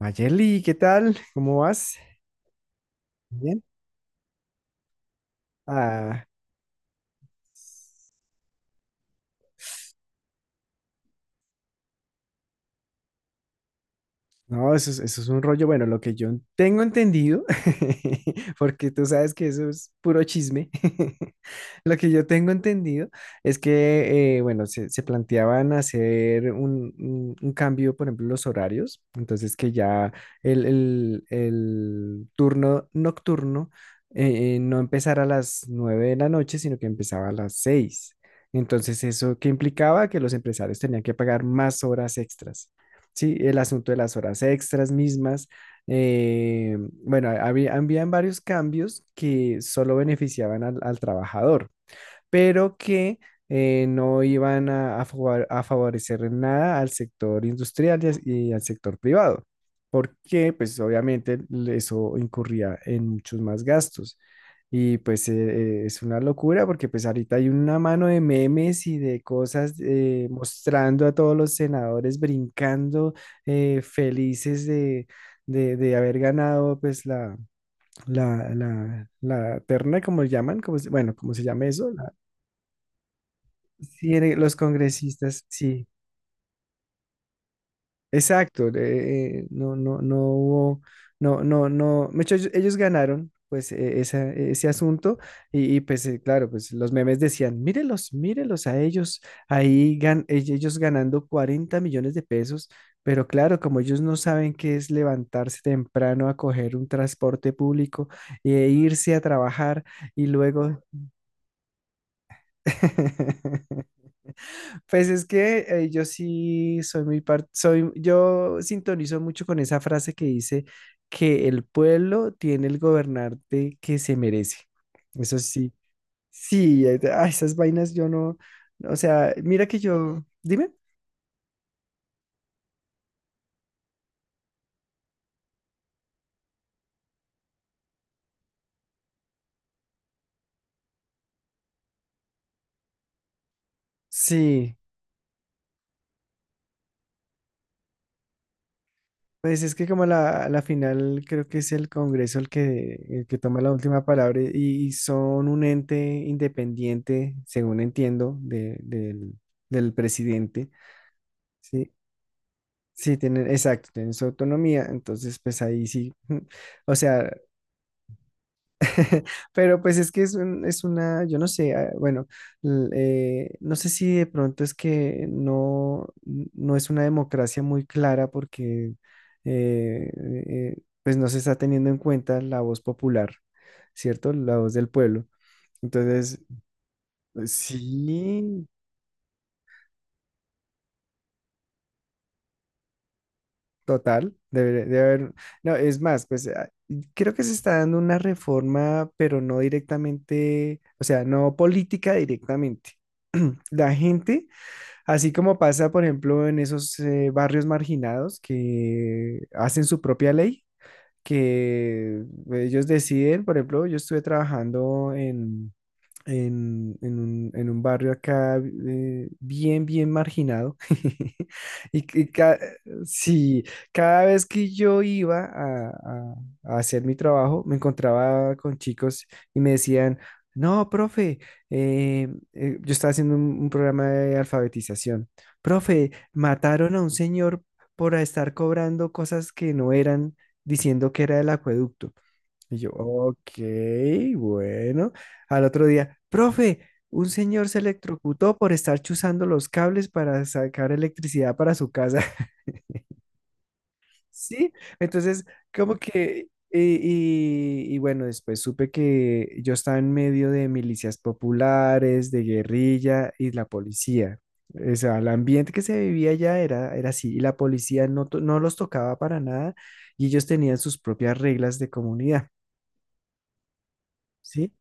Mayeli, ¿qué tal? ¿Cómo vas? Bien. Ah, no, eso es un rollo. Bueno, lo que yo tengo entendido, porque tú sabes que eso es puro chisme, lo que yo tengo entendido es que, bueno, se planteaban hacer un cambio, por ejemplo, en los horarios, entonces que ya el turno nocturno no empezara a las 9 de la noche, sino que empezaba a las seis. Entonces, ¿eso qué implicaba? Que los empresarios tenían que pagar más horas extras. Sí, el asunto de las horas extras mismas. eh, bueno, habían varios cambios que solo beneficiaban al trabajador, pero que no iban a a favorecer en nada al sector industrial y, y al sector privado, porque pues obviamente eso incurría en muchos más gastos. Y pues es una locura, porque pues ahorita hay una mano de memes y de cosas mostrando a todos los senadores brincando, felices de, de haber ganado pues la terna, como llaman, como, bueno, como se llama eso. Sí, los congresistas, sí, exacto. No, no hubo, no. De hecho, ellos ganaron, pues, ese asunto. Pues, claro, pues los memes decían, mírelos, mírelos a ellos, ahí ellos ganando 40 millones de pesos, pero claro, como ellos no saben qué es levantarse temprano a coger un transporte público e irse a trabajar y luego… Pues es que yo sí soy yo sintonizo mucho con esa frase que dice que el pueblo tiene el gobernante que se merece. Eso sí, sí, esas vainas yo no, o sea, mira que yo, dime, sí, pues es que como la final, creo que es el Congreso el que toma la última palabra, y son un ente independiente, según entiendo, del del presidente. Sí, sí, tienen, exacto, tienen su autonomía, entonces pues ahí sí, o sea, pero pues es que es, es una, yo no sé, ah, bueno, no sé si de pronto es que no, no es una democracia muy clara, porque eh, eh, pues no se está teniendo en cuenta la voz popular, ¿cierto? La voz del pueblo. Entonces, sí, total, debe, debe haber. No, es más, pues ah, creo que se está dando una reforma, pero no directamente, o sea, no política directamente. La gente, así como pasa, por ejemplo, en esos barrios marginados que hacen su propia ley, que ellos deciden. Por ejemplo, yo estuve trabajando en un barrio acá, bien marginado. Y, que sí, cada vez que yo iba a hacer mi trabajo, me encontraba con chicos y me decían, no, profe, eh, yo estaba haciendo un programa de alfabetización. Profe, mataron a un señor por estar cobrando cosas que no eran, diciendo que era del acueducto. Y yo, ok, bueno. Al otro día, profe, un señor se electrocutó por estar chuzando los cables para sacar electricidad para su casa. Sí, entonces, como que, y, y bueno, después supe que yo estaba en medio de milicias populares, de guerrilla y la policía. O sea, el ambiente que se vivía allá era, era así, y la policía no, no los tocaba para nada, y ellos tenían sus propias reglas de comunidad. ¿Sí?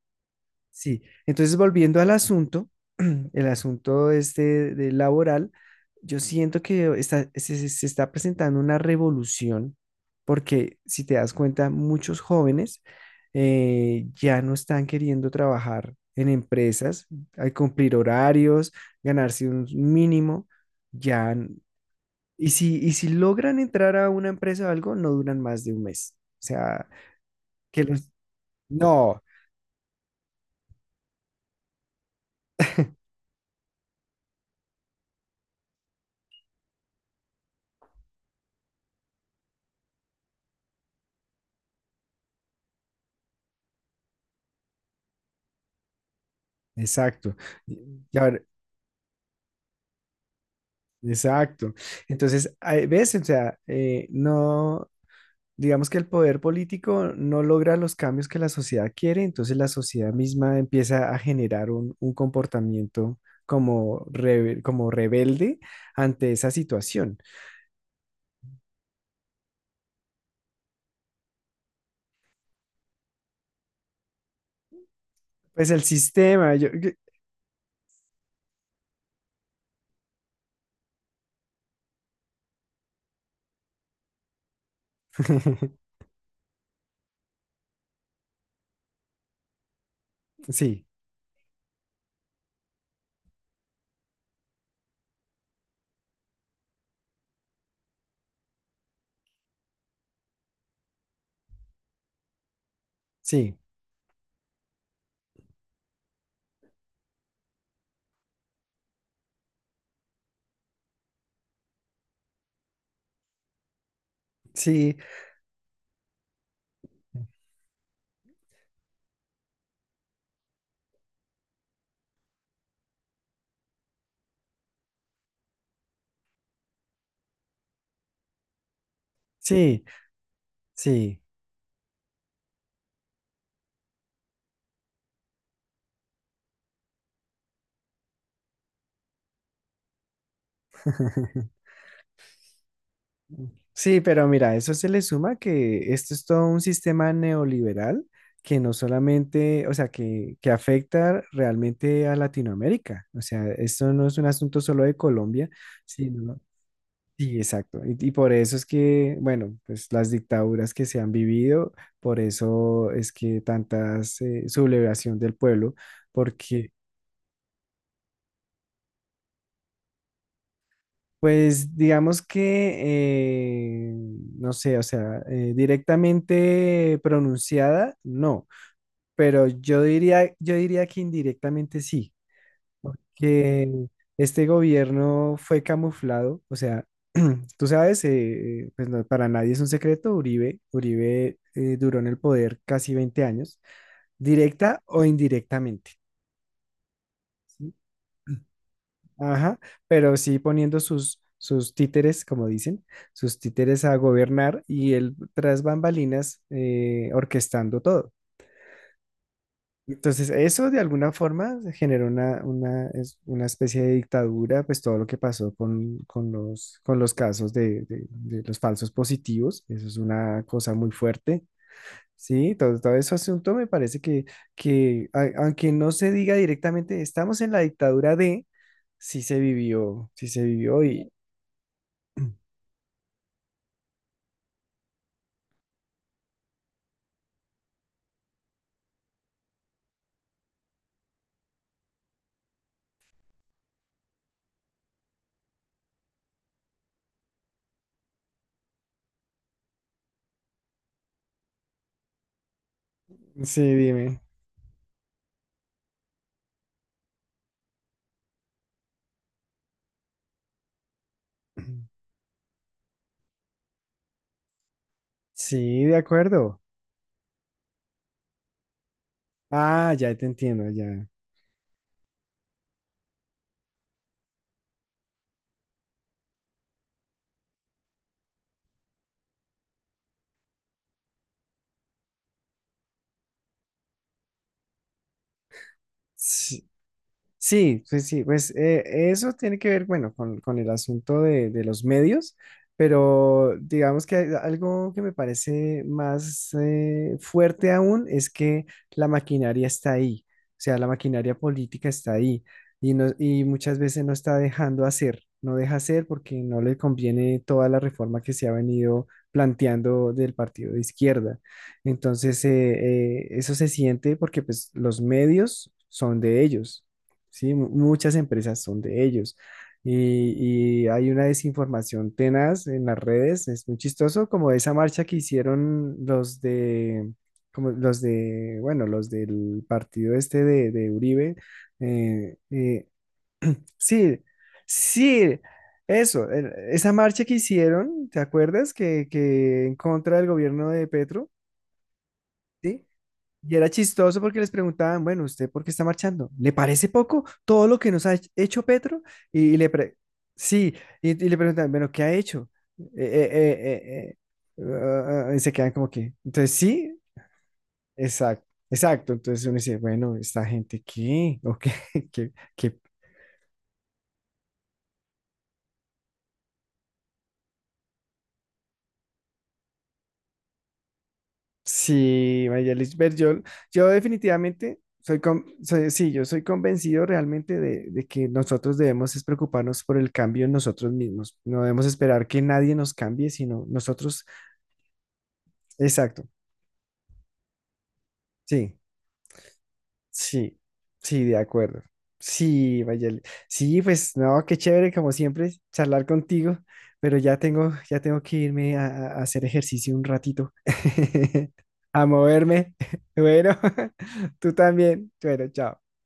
Sí, entonces volviendo al asunto, el asunto este de laboral, yo siento que se está presentando una revolución, porque si te das cuenta, muchos jóvenes ya no están queriendo trabajar en empresas, al cumplir horarios, ganarse un mínimo, ya, y si logran entrar a una empresa o algo, no duran más de un mes. O sea, que los… No, exacto. Ya, exacto. Entonces, ahí, ¿ves? O sea, no, digamos que el poder político no logra los cambios que la sociedad quiere, entonces la sociedad misma empieza a generar un comportamiento como, como rebelde ante esa situación. Pues el sistema, sí, sí, sí, sí, sí. Sí, pero mira, eso se le suma que esto es todo un sistema neoliberal que no solamente, o sea, que afecta realmente a Latinoamérica. O sea, esto no es un asunto solo de Colombia, sino… Sí, exacto. Y por eso es que, bueno, pues las dictaduras que se han vivido, por eso es que tantas sublevación del pueblo, porque pues digamos que, no sé, o sea, directamente pronunciada, no, pero yo diría que indirectamente sí, porque este gobierno fue camuflado, o sea, tú sabes, pues para nadie es un secreto, Uribe, Uribe duró en el poder casi 20 años, directa o indirectamente. Ajá, pero sí poniendo sus, sus títeres, como dicen, sus títeres a gobernar, y él tras bambalinas orquestando todo. Entonces, eso de alguna forma generó una especie de dictadura. Pues todo lo que pasó con los casos de, de los falsos positivos, eso es una cosa muy fuerte. Sí, todo, todo ese asunto me parece que aunque no se diga directamente, estamos en la dictadura de, sí se vivió y… Sí, dime. Sí, de acuerdo. Ah, ya te entiendo, ya. Sí, sí, pues sí, pues eso tiene que ver, bueno, con el asunto de los medios, pero digamos que hay algo que me parece más fuerte aún, es que la maquinaria está ahí, o sea, la maquinaria política está ahí, y, no, y muchas veces no está dejando hacer, no deja hacer porque no le conviene toda la reforma que se ha venido planteando del partido de izquierda. Entonces, eso se siente porque pues los medios son de ellos. Sí, muchas empresas son de ellos. Y hay una desinformación tenaz en las redes. Es muy chistoso, como esa marcha que hicieron los de, como los de, bueno, los del partido este de Uribe. eh, eh, sí, sí, eso, esa marcha que hicieron, ¿te acuerdas? Que en contra del gobierno de Petro, ¿sí? Y era chistoso porque les preguntaban, bueno, ¿usted por qué está marchando? ¿Le parece poco todo lo que nos ha hecho Petro? Y, y le pre- sí, y le preguntaban, bueno, ¿qué ha hecho? Eh, eh, eh, eh, eh, y se quedan como que, entonces sí, exacto, exacto. Entonces uno dice, bueno, ¿esta gente qué? ¿O qué, qué, qué Sí, Mayelish Berjol, yo definitivamente soy, sí, yo soy convencido realmente de que nosotros debemos es preocuparnos por el cambio en nosotros mismos. No debemos esperar que nadie nos cambie, sino nosotros. Exacto. Sí, sí, sí, de acuerdo. Sí, Mayelish. Sí, pues no, qué chévere, como siempre, charlar contigo, pero ya tengo que irme a hacer ejercicio un ratito, a moverme. Bueno, tú también. Bueno, chao.